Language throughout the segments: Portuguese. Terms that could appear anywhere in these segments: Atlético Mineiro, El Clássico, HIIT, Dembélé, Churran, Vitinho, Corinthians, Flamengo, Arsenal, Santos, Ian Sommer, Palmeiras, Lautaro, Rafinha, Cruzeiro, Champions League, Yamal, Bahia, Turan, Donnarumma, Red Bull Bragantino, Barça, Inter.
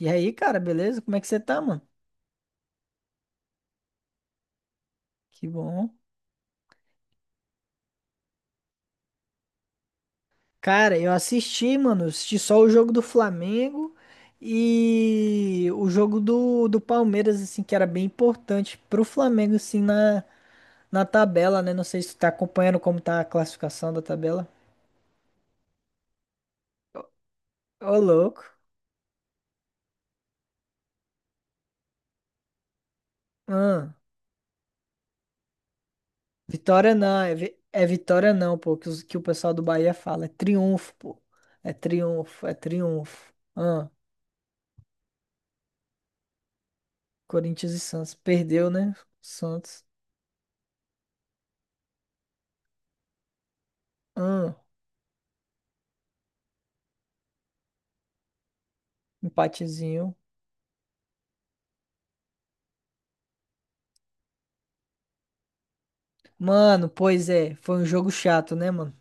E aí, cara, beleza? Como é que você tá, mano? Que bom. Cara, eu assisti, mano, assisti só o jogo do Flamengo e o jogo do Palmeiras, assim, que era bem importante pro Flamengo, assim, na tabela, né? Não sei se tu tá acompanhando como tá a classificação da tabela. Ô, louco. Hum, vitória não, é, vi- é vitória não, pô, que, os- que o pessoal do Bahia fala. É triunfo, pô. É triunfo, é triunfo. Corinthians e Santos. Perdeu, né? Santos. Hum. Empatezinho. Mano, pois é, foi um jogo chato, né, mano?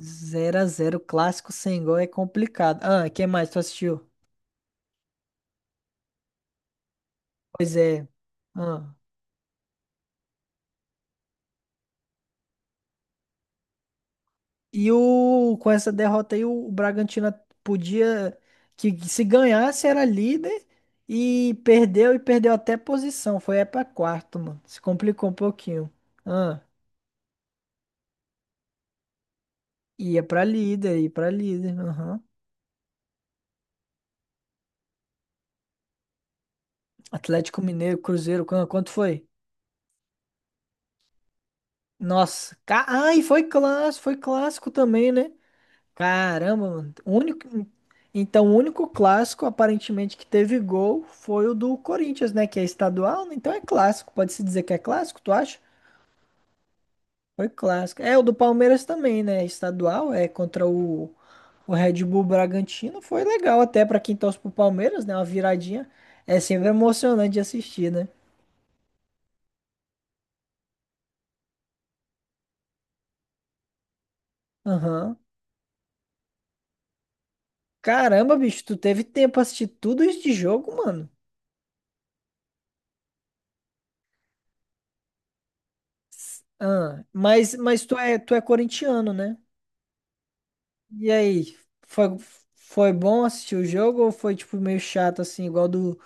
Zero a zero, clássico sem gol é complicado. Ah, quem mais tu assistiu? Pois é. Ah. E o, com essa derrota aí, o Bragantino podia, que se ganhasse era líder e perdeu até posição. Foi aí pra quarto, mano. Se complicou um pouquinho. Ah, ia pra líder, ia pra líder. Aham. Atlético Mineiro, Cruzeiro, qu- quanto foi? Nossa, ca... ai, foi clássico também, né? Caramba, mano. O único... Então, o único clássico, aparentemente, que teve gol foi o do Corinthians, né? Que é estadual, né? Então é clássico. Pode-se dizer que é clássico, tu acha? Foi clássico. É, o do Palmeiras também, né? Estadual, é contra o Red Bull Bragantino. Foi legal até pra quem torce pro Palmeiras, né? Uma viradinha. É sempre emocionante de assistir, né? Aham. Caramba, bicho, tu teve tempo pra assistir tudo isso de jogo, mano? Ah, mas, tu é corintiano, né? E aí, foi, foi bom assistir o jogo ou foi tipo meio chato assim, igual do,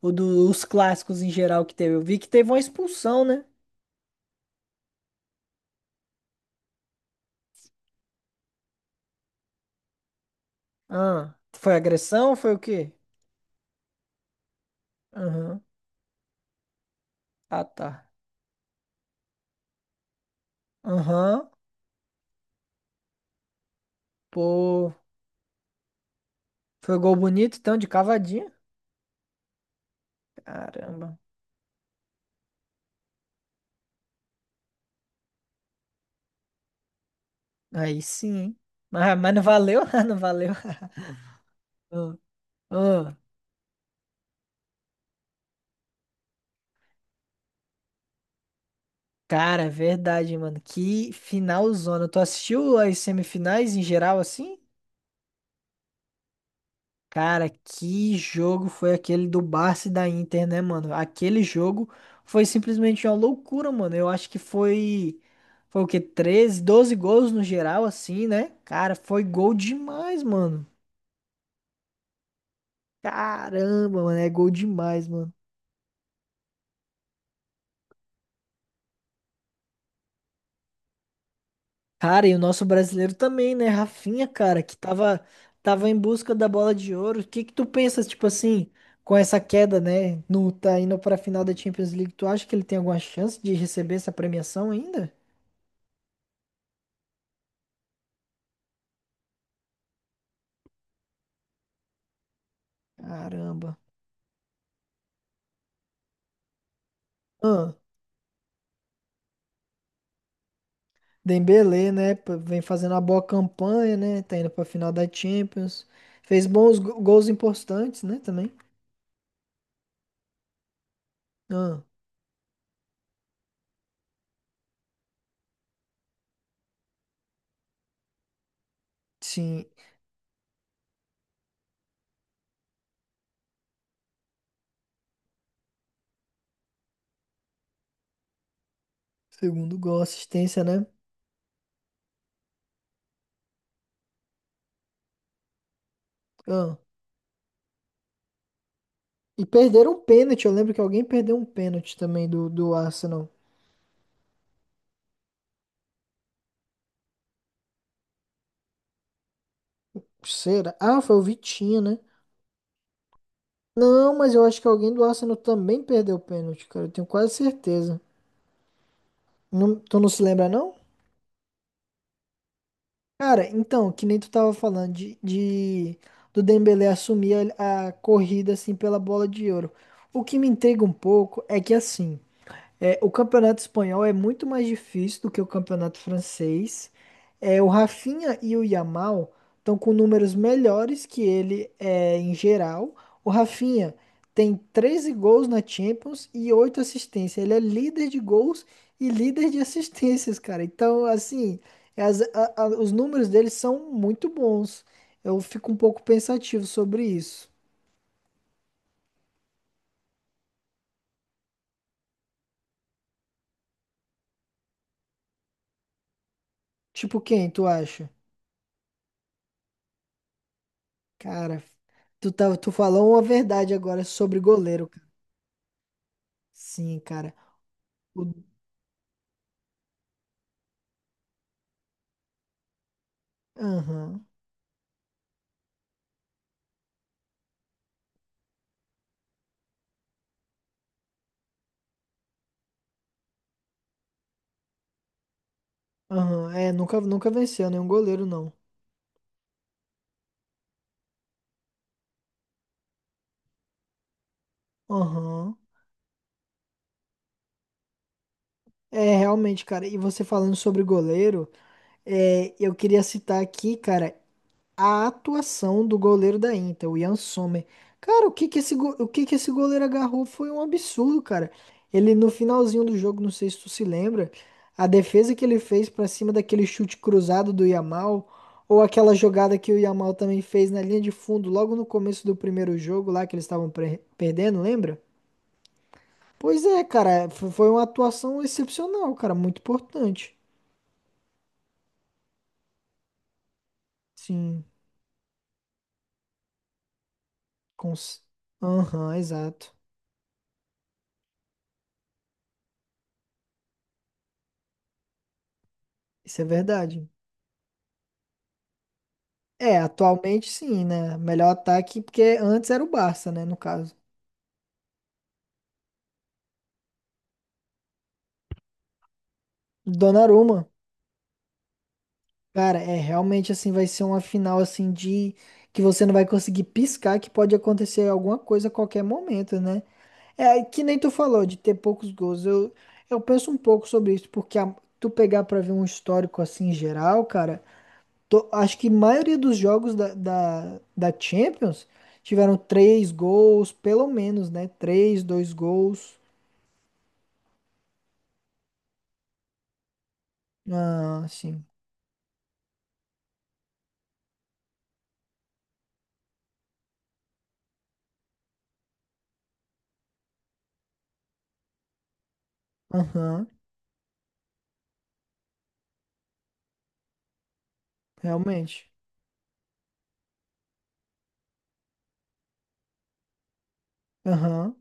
o dos clássicos em geral que teve? Eu vi que teve uma expulsão, né? Ah, foi agressão? Foi o quê? Aham. Ah, tá. Aham. Pô, foi gol bonito então, de cavadinha? Caramba. Aí sim, hein? Mas não valeu? Não valeu. Ah, ah. Cara, é verdade, mano. Que finalzona. Tu assistiu as semifinais em geral assim? Cara, que jogo foi aquele do Barça e da Inter, né, mano? Aquele jogo foi simplesmente uma loucura, mano. Eu acho que foi. Foi o quê? 13 12 gols no geral, assim, né? Cara, foi gol demais, mano. Caramba, mano, é gol demais, mano. Cara, e o nosso brasileiro também, né? Rafinha, cara, tava em busca da bola de ouro. O que que tu pensa, tipo assim, com essa queda, né? No, tá indo pra final da Champions League. Tu acha que ele tem alguma chance de receber essa premiação ainda? Caramba. Ah, Dembélé, né? Pô, vem fazendo uma boa campanha, né? Tá indo pra final da Champions. Fez bons go- gols importantes, né? Também. Ah, sim. Segundo gol, assistência, né? E perderam um pênalti. Eu lembro que alguém perdeu um pênalti também do Arsenal. Será? Ah, foi o Vitinho, né? Não, mas eu acho que alguém do Arsenal também perdeu o pênalti, cara. Eu tenho quase certeza. Não- tu não se lembra, não? Cara, então, que nem tu tava falando do Dembélé assumir a corrida assim pela bola de ouro. O que me intriga um pouco é que assim. É, o campeonato espanhol é muito mais difícil do que o campeonato francês. É, o Rafinha e o Yamal estão com números melhores que ele é, em geral. O Rafinha tem 13 gols na Champions e 8 assistências. Ele é líder de gols e líder de assistências, cara. Então, assim, as- a- os números dele são muito bons. Eu fico um pouco pensativo sobre isso. Tipo quem, tu acha? Cara, tu falou uma verdade agora sobre goleiro, cara. Sim, cara. O- Aham, aham. É, nunca, nunca venceu nenhum goleiro, não. Aham. É, realmente, cara. E você falando sobre goleiro, é, eu queria citar aqui, cara. A atuação do goleiro da Inter, o Ian Sommer. Cara, o que que esse, go- o que que esse goleiro agarrou foi um absurdo, cara. Ele no finalzinho do jogo, não sei se tu se lembra, a defesa que ele fez pra cima daquele chute cruzado do Yamal, ou aquela jogada que o Yamal também fez na linha de fundo, logo no começo do primeiro jogo lá que eles estavam pre- perdendo, lembra? Pois é, cara, fo- foi uma atuação excepcional, cara, muito importante. Sim, cons... Aham, exato. Isso é verdade. É, atualmente sim, né? Melhor ataque, porque antes era o Barça, né? No caso. Donnarumma, cara, é realmente assim, vai ser uma final assim de que você não vai conseguir piscar, que pode acontecer alguma coisa a qualquer momento, né? É que nem tu falou de ter poucos gols. Eu penso um pouco sobre isso, porque a- tu pegar pra ver um histórico assim geral, cara, to- acho que a maioria dos jogos da Champions tiveram três gols, pelo menos, né? Três, dois gols. Ah, sim. Aham, realmente. Aham.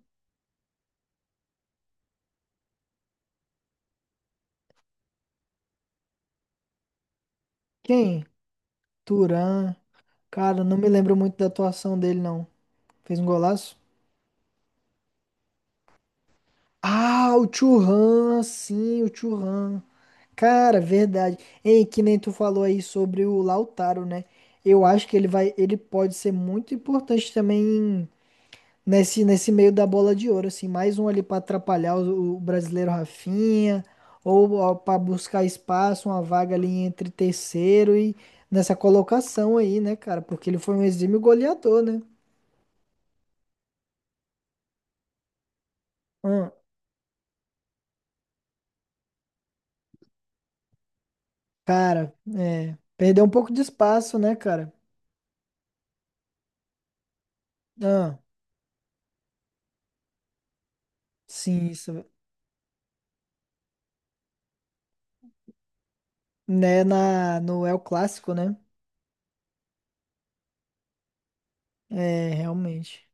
Quem? Turan. Cara, não me lembro muito da atuação dele, não. Fez um golaço? Ah, o Churran, sim, o Churran. Cara, verdade. Ei, que nem tu falou aí sobre o Lautaro, né? Eu acho que ele vai, ele pode ser muito importante também nesse meio da bola de ouro, assim, mais um ali para atrapalhar o brasileiro Rafinha, ou para buscar espaço, uma vaga ali entre terceiro e nessa colocação aí, né, cara? Porque ele foi um exímio goleador, né? Ah, cara, é, perdeu um pouco de espaço, né, cara? Ah, sim, isso, né, na, no El Clássico, né? É, realmente.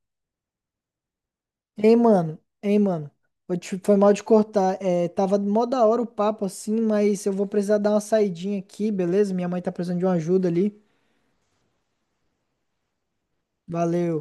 Ei, mano, ei, mano. Vou te- Foi mal de cortar. É, tava mó da hora o papo assim, mas eu vou precisar dar uma saidinha aqui, beleza? Minha mãe tá precisando de uma ajuda ali. Valeu.